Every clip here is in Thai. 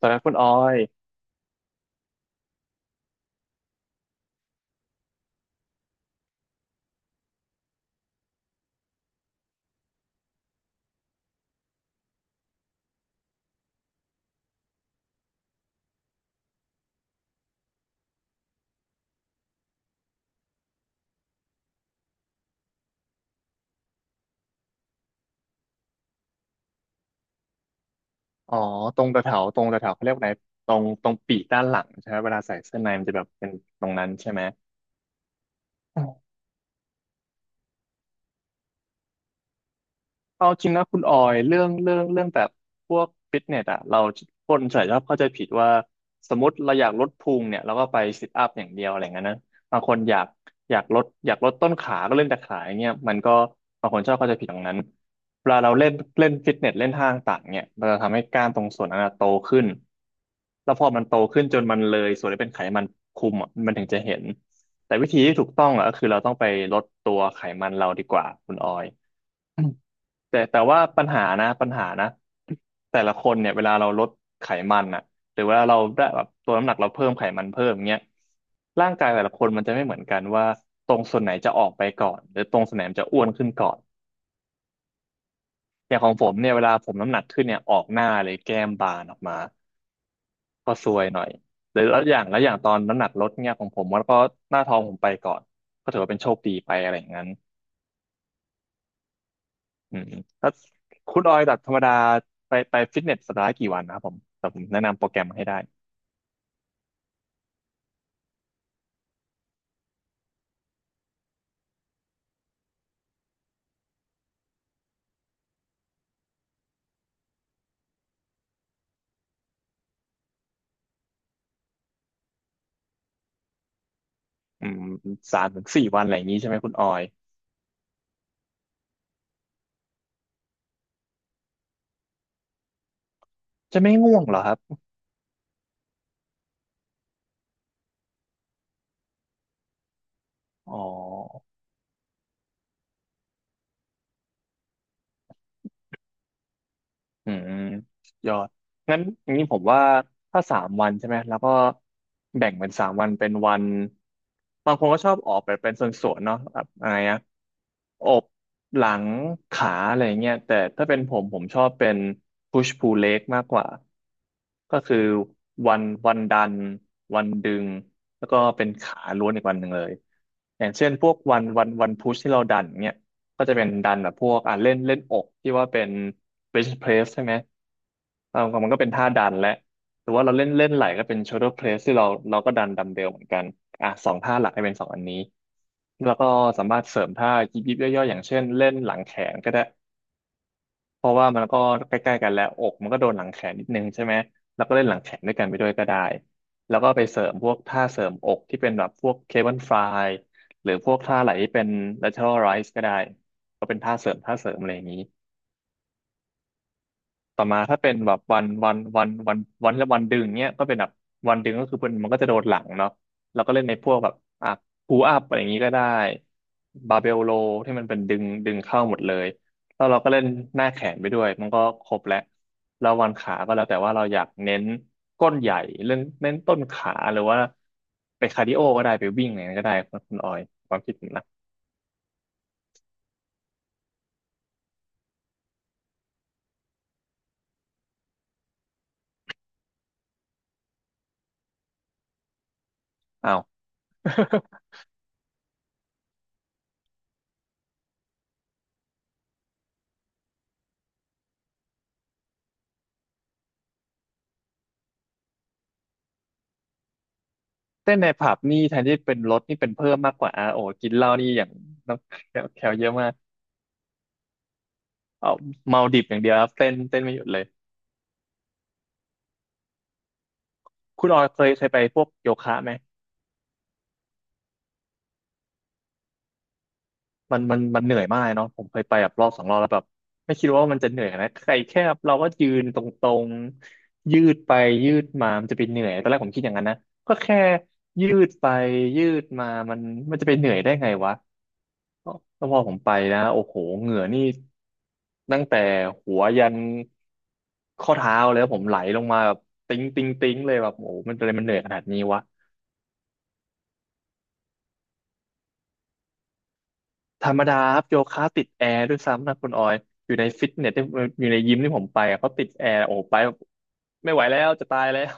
ตอนนั้นคุณออย อ๋อ ตรงตะเถาตรงตะเถาเขาเรียกว่าไหน ตรงปีกด้านหลังใช่ไหม เวลาใส่เสื้อในมันจะแบบเป็นตรงนั้นใช่ไหม เอาจริงนะคุณออยเรื่องแบบพวกฟิตเนสอะเราคนส่วนใหญ่ชอบเข้าใจผิดว่าสมมติเราอยากลดพุงเนี่ยเราก็ไปซิทอัพอย่างเดียวอะไรเงี้ยนะบางคนอยากอยากลดต้นขาก็เล่นแต่ขาอย่างเงี้ยมันก็บางคนชอบเข้าใจผิดตรงนั้นเวลาเราเล่นเล่นฟิตเนสเล่นท่าต่างๆเนี่ยมันจะทำให้กล้ามตรงส่วนนั้นอะโตขึ้นแล้วพอมันโตขึ้นจนมันเลยส่วนที่เป็นไขมันคุมอะมันถึงจะเห็นแต่วิธีที่ถูกต้องอะก็คือเราต้องไปลดตัวไขมันเราดีกว่าคุณออย แต่ว่าปัญหานะแต่ละคนเนี่ยเวลาเราลดไขมันอ่ะหรือเวลาเราได้แบบตัวน้ำหนักเราเพิ่มไขมันเพิ่มเงี้ยร่างกายแต่ละคนมันจะไม่เหมือนกันว่าตรงส่วนไหนจะออกไปก่อนหรือตรงส่วนไหนมันจะอ้วนขึ้นก่อนอย่างของผมเนี่ยเวลาผมน้ำหนักขึ้นเนี่ยออกหน้าเลยแก้มบานออกมาก็ซวยหน่อยหรือแล้วอย่างตอนน้ำหนักลดเนี่ยของผมมันก็หน้าท้องผมไปก่อนก็ถือว่าเป็นโชคดีไปอะไรอย่างนั้น อืมแล้วคุณออยจากธรรมดาไปฟิตเนสสัปดาห์ละกี่วันนะครับผมแต่ผมแนะนำโปรแกรมมาให้ได้อืมสามถึงสี่วันอะไรอย่างนี้ใช่ไหมคุณออยจะไม่ง่วงเหรอครับอ๋ออืมยอดงั้นอย่างนี้ผมว่าถ้าสามวันใช่ไหมแล้วก็แบ่งเป็นสามวันเป็นวันบางคนก็ชอบออกไปเป็นส่วนๆเนาะแบบอะไรนะ อกหลังขาอะไรเงี้ยแต่ถ้าเป็นผมผมชอบเป็น push pull leg มากกว่าก็คือวันวันดันวันดึงแล้วก็เป็นขาล้วนอีกวันหนึ่งเลยอย่างเช่นพวกวันพุชที่เราดันเงี้ยก็จะเป็นดันแบบพวกอ่ะเล่นเล่นอกที่ว่าเป็น bench press ใช่ไหมเออมันก็เป็นท่าดันแหละ หรือว่าเราเล่นเล่นไหลก็เป็น shoulder press ที่เราก็ดันดัมเบลเหมือนกันอ่ะสองท่าหลักให้เป็นสองอันนี้แล้วก็สามารถเสริมท่ายิบยิบย่อยๆอย่างเช่นเล่นหลังแขนก็ได้เพราะว่ามันก็ใกล้ๆกันแล้วอกมันก็โดนหลังแขนนิดนึงใช่ไหมแล้วก็เล่นหลังแขนด้วยกันไปด้วยก็ได้แล้วก็ไปเสริมพวกท่าเสริมอกที่เป็นแบบพวกเคเบิลฟลายหรือพวกท่าไหลที่เป็น lateral rise ก็ได้ก็เป็นท่าเสริมท่าเสริมอะไรอย่างนี้ ต่อมาถ้าเป็นแบบวันวันและวันดึงเนี้ยก็เป็นแบบวันดึงก็คือมันก็จะโดนหลังเนาะแล้วก็เล่นในพวกแบบอ่ะพูอัพอะไรอย่างนี้ก็ได้บาเบลโลที่มันเป็นดึงเข้าหมดเลยแล้วเราก็เล่นหน้าแขนไปด้วยมันก็ครบแล้วแล้ววันขาก็แล้วแต่ว่าเราอยากเน้นก้นใหญ่เล่นเน้นต้นขาหรือว่าไปคาร์ดิโอก็ได้ไปวิ่งอะไรก็ได้คุณออยความคิดผมนะอ้าว เต้นในผับนี่แทนที่เป็นลดนี่เป็นเพิ่มมากกว่าอ่ะโอ้กินเหล้านี่อย่างน้ำแคลเยอะมากเอาเมาดิบอย่างเดียวครับเต้นไม่หยุดเลยคุณออยเคยไปพวกโยคะไหมมันเหนื่อยมากเลยเนาะผมเคยไปแบบรอบสองรอบแล้วแบบไม่คิดว่ามันจะเหนื่อยนะใครแค่เราก็ยืนตรงๆยืดไปยืดมามันจะไปเหนื่อยตอนแรกผมคิดอย่างนั้นนะก็แค่ยืดไปยืดมามันมันจะไปเหนื่อยได้ไงวะ แล้วพอผมไปนะโอ้โหเหงื่อนี่ตั้งแต่หัวยันข้อเท้าเลยครับผมไหลลงมาแบบติ๊งติ๊งติ๊งเลยแบบโอ้โหมันเป็นอะไรมันเหนื่อยขนาดนี้วะธรรมดาครับโยคะติดแอร์ด้วยซ้ำนะคุณออยอยู่ในฟิตเนสที่อยู่ในยิมที่ผมไปอะเขาติดแอร์โอ้โหไปแบบไม่ไหวแล้วจะตายแล้ว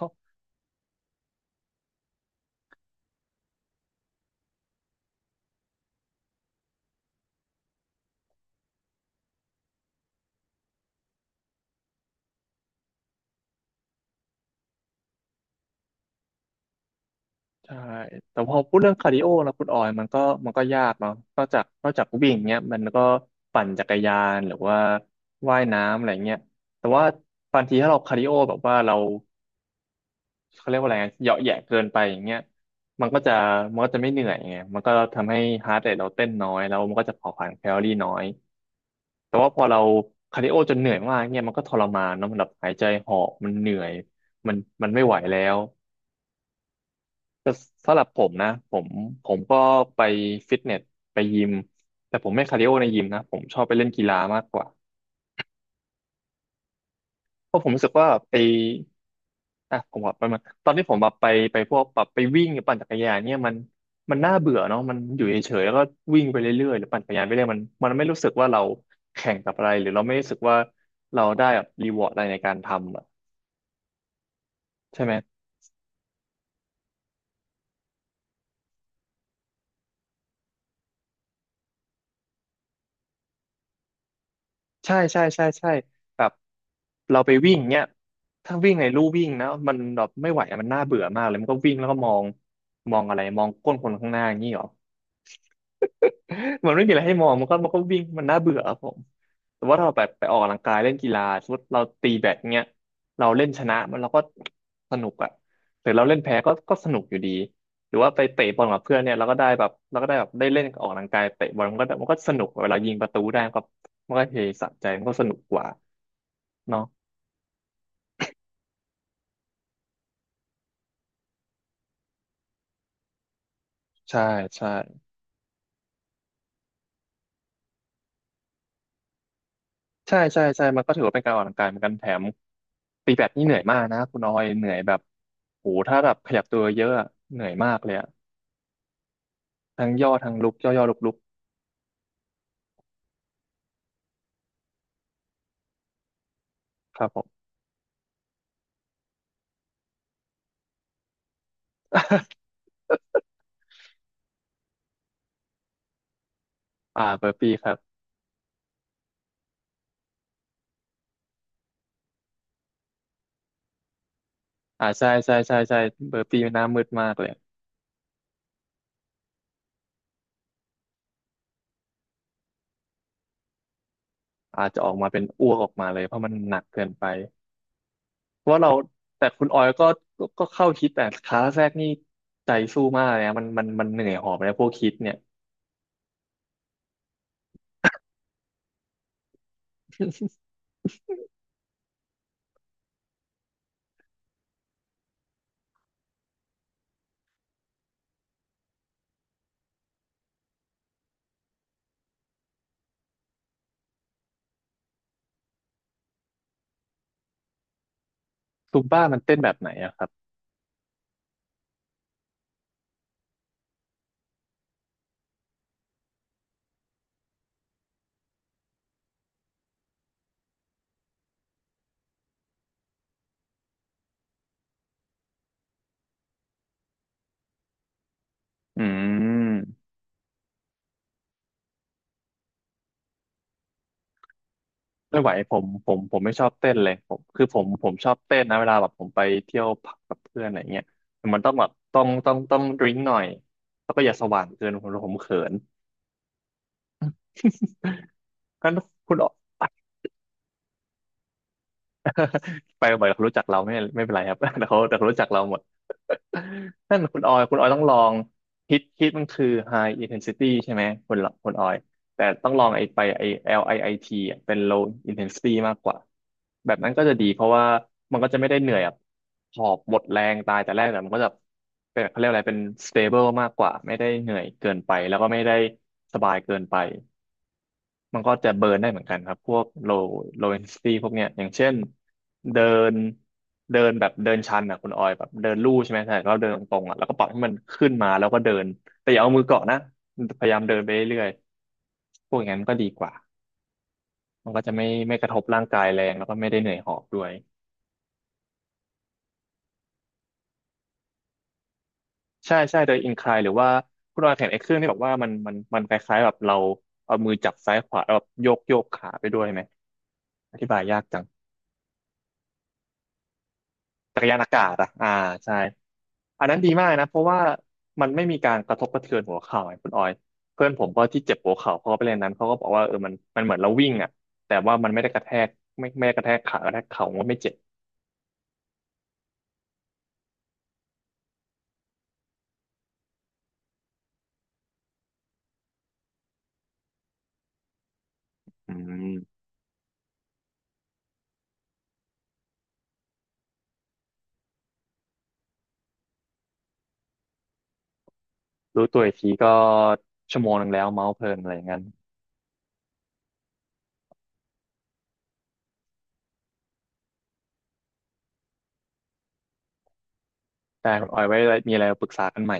ใช่ แต่พอพูดเรื่องคาร์ดิโอนะคุณออยมันก็มันก็ยากเนาะนอกจากวิ่งเนี้ยมันก็ปั่นจักรยานหรือว่าว่ายน้ำอะไรเงี้ยแต่ว่าบางทีถ้าเราคาร์ดิโอแบบว่าเราเขาเรียกว่าอะไรนะเหยาะแหยะเกินไปอย่างเงี้ยมันก็จะมันก็จะไม่เหนื่อยไงมันก็ทำให้ฮาร์ทเรทเราเต้นน้อยแล้วมันก็จะเผาผลาญแคลอรี่น้อยแต่ว่าพอเราคาร์ดิโอจนเหนื่อยมากเงี้ยมันก็ทรมานเนาะมันแบบหายใจหอบมันเหนื่อยมันมันไม่ไหวแล้ว สำหรับผมนะผมก็ไปฟิตเนสไปยิมแต่ผมไม่คาร์ดิโอในยิมนะผมชอบไปเล่นกีฬามากกว่าเพราะผมรู้สึกว่าไปอ่ะผมบอกไปมาตอนที่ผมแบบไปพวกแบบไปวิ่งหรือปั่นจักรยานเนี่ยมันน่าเบื่อเนาะมันอยู่เฉยๆแล้วก็วิ่งไปเรื่อยๆหรือปั่นจักรยานไปเรื่อยมันไม่รู้สึกว่าเราแข่งกับอะไรหรือเราไม่รู้สึกว่าเราได้แบบรีวอร์ดอะไรในการทำอะใช่ไหม ใช่ใช่ใช่ใช่แบบเราไปวิ่งเนี้ยถ้าวิ่งในลู่วิ่งนะมันแบบไม่ไหวอะมันน่าเบื่อมากเลยมันก็วิ่งแล้วก็มองอะไรมองก้นคนข้างหน้าอย่างนี้เหรอ มันไม่มีอะไรให้มองมันก็วิ่งมันน่าเบื่อครับผมแต่ว่าถ้าเราแบบไปออกกำลังกายเล่นกีฬาสมมติเราตีแบดเนี้ยเราเล่นชนะมันเราก็สนุกอะหรือเราเล่นแพ้ก็สนุกอยู่ดีหรือว่าไปเตะบอลกับเพื่อนเนี่ยเราก็ได้แบบเราก็ได้แบบได้เล่นออกกำลังกายเตะบอลมันก็สนุกเวลายิงประตูได้ก็มันก็เฮสะใจมันก็สนุกกว่า เนาะใช่ใช่ใช่ใช่ใช่มันก็ถือว่าเป็นการออกกำลังกายเหมือนกันแถมตีแบดนี่เหนื่อยมากนะคุณออยเหนื่อยแบบโหถ้าแบบขยับตัวเยอะอะเหนื่อยมากเลยอะทั้งย่อทั้งลุกย่อย่อลุกลุกครับผม เบอร์ปี้ครับใช่ใช่ใช่ใช่เบอร์ปี้มันหน้ามืดมากเลยอาจจะออกมาเป็นอ้วกออกมาเลยเพราะมันหนักเกินไปเพราะว่าเราแต่คุณออยก็ก็เข้าคิดแต่ขาแรกนี่ใจสู้มากเลยนะมันเหนื่อยหอบเลยพวกคิดเนี่ย ซุมบ้ามันเต้นแบบไหนอะครับอืม ไม่ไหวผมไม่ชอบเต้นเลยผมคือผมชอบเต้นนะเวลาแบบผมไปเที่ยวผับกับเพื่อนอะไรเงี้ยแต่มันต้องแบบต้องดริงหน่อยแล้วก็อย่าสว่างเกินผมเขินงั้นคุณ ไปบ่อยเขารู้จักเราไม่เป็นไรครับ แต่เขารู้จักเราหมด นั่นคุณออยคุณออยต้องลองฮิตมันคือ high intensity ใช่ไหมคุณคุณออยแต่ต้องลองไอ้ไปไอ้ LIIT อลไอไอทีอะเป็น low intensity มากกว่าแบบนั้นก็จะดีเพราะว่ามันก็จะไม่ได้เหนื่อยแบบหอบหมดแรงตายแต่แรกแต่มันก็จะเป็นเขาเรียกอะไรเป็น stable มากกว่าไม่ได้เหนื่อยเกินไปแล้วก็ไม่ได้สบายเกินไป มันก็จะเบิร์นได้เหมือนกันครับพวก low intensity พวกเนี้ยอย่างเช่นเดินเดินแบบเดินชันอ่ะคุณออยแบบเดินลู่ใช่ไหมใช่เราเดินตรงๆอ่ะแล้วก็ปล่อยให้มันขึ้นมาแล้วก็เดินแต่อย่าเอามือเกาะนะพยายามเดินไปเรื่อยๆพวกอย่างนั้นก็ดีกว่ามันก็จะไม่กระทบร่างกายแรงแล้วก็ไม่ได้เหนื่อยหอบด้วยใช่ใช่โดยอินคลายหรือว่าคุณออยเห็นไอ้เครื่องที่บอกว่ามันคล้ายๆแบบเราเอามือจับซ้ายขวาแล้วแบบโยกโยกขาไปด้วยไหมอธิบายยากจังจักรยานอากาศอ่ะอ่าใช่ อันนั้นดีมากนะเพราะว่ามันไม่มีการกระทบกระเทือนหัวเข่าไงคุณออยเพื่อนผมก็ที่เจ็บหัวเข่าเขาก็ไปเล่นนั้นเขาก็บอกว่าเออมันเหมือนเราวิ่งอ่ะแต่ว่ามันไม่ได้กระแทกไม่ได้กระแทกขากระแทกเข่ามันไม่เจ็บอืมรู้ตัวอีกทีก็ชั่วโมงหนึงแล้วเมาส์เพลินอะไรอย่างนั้นแต่คุณออยไว้มีอะไรปรึกษากันใหม่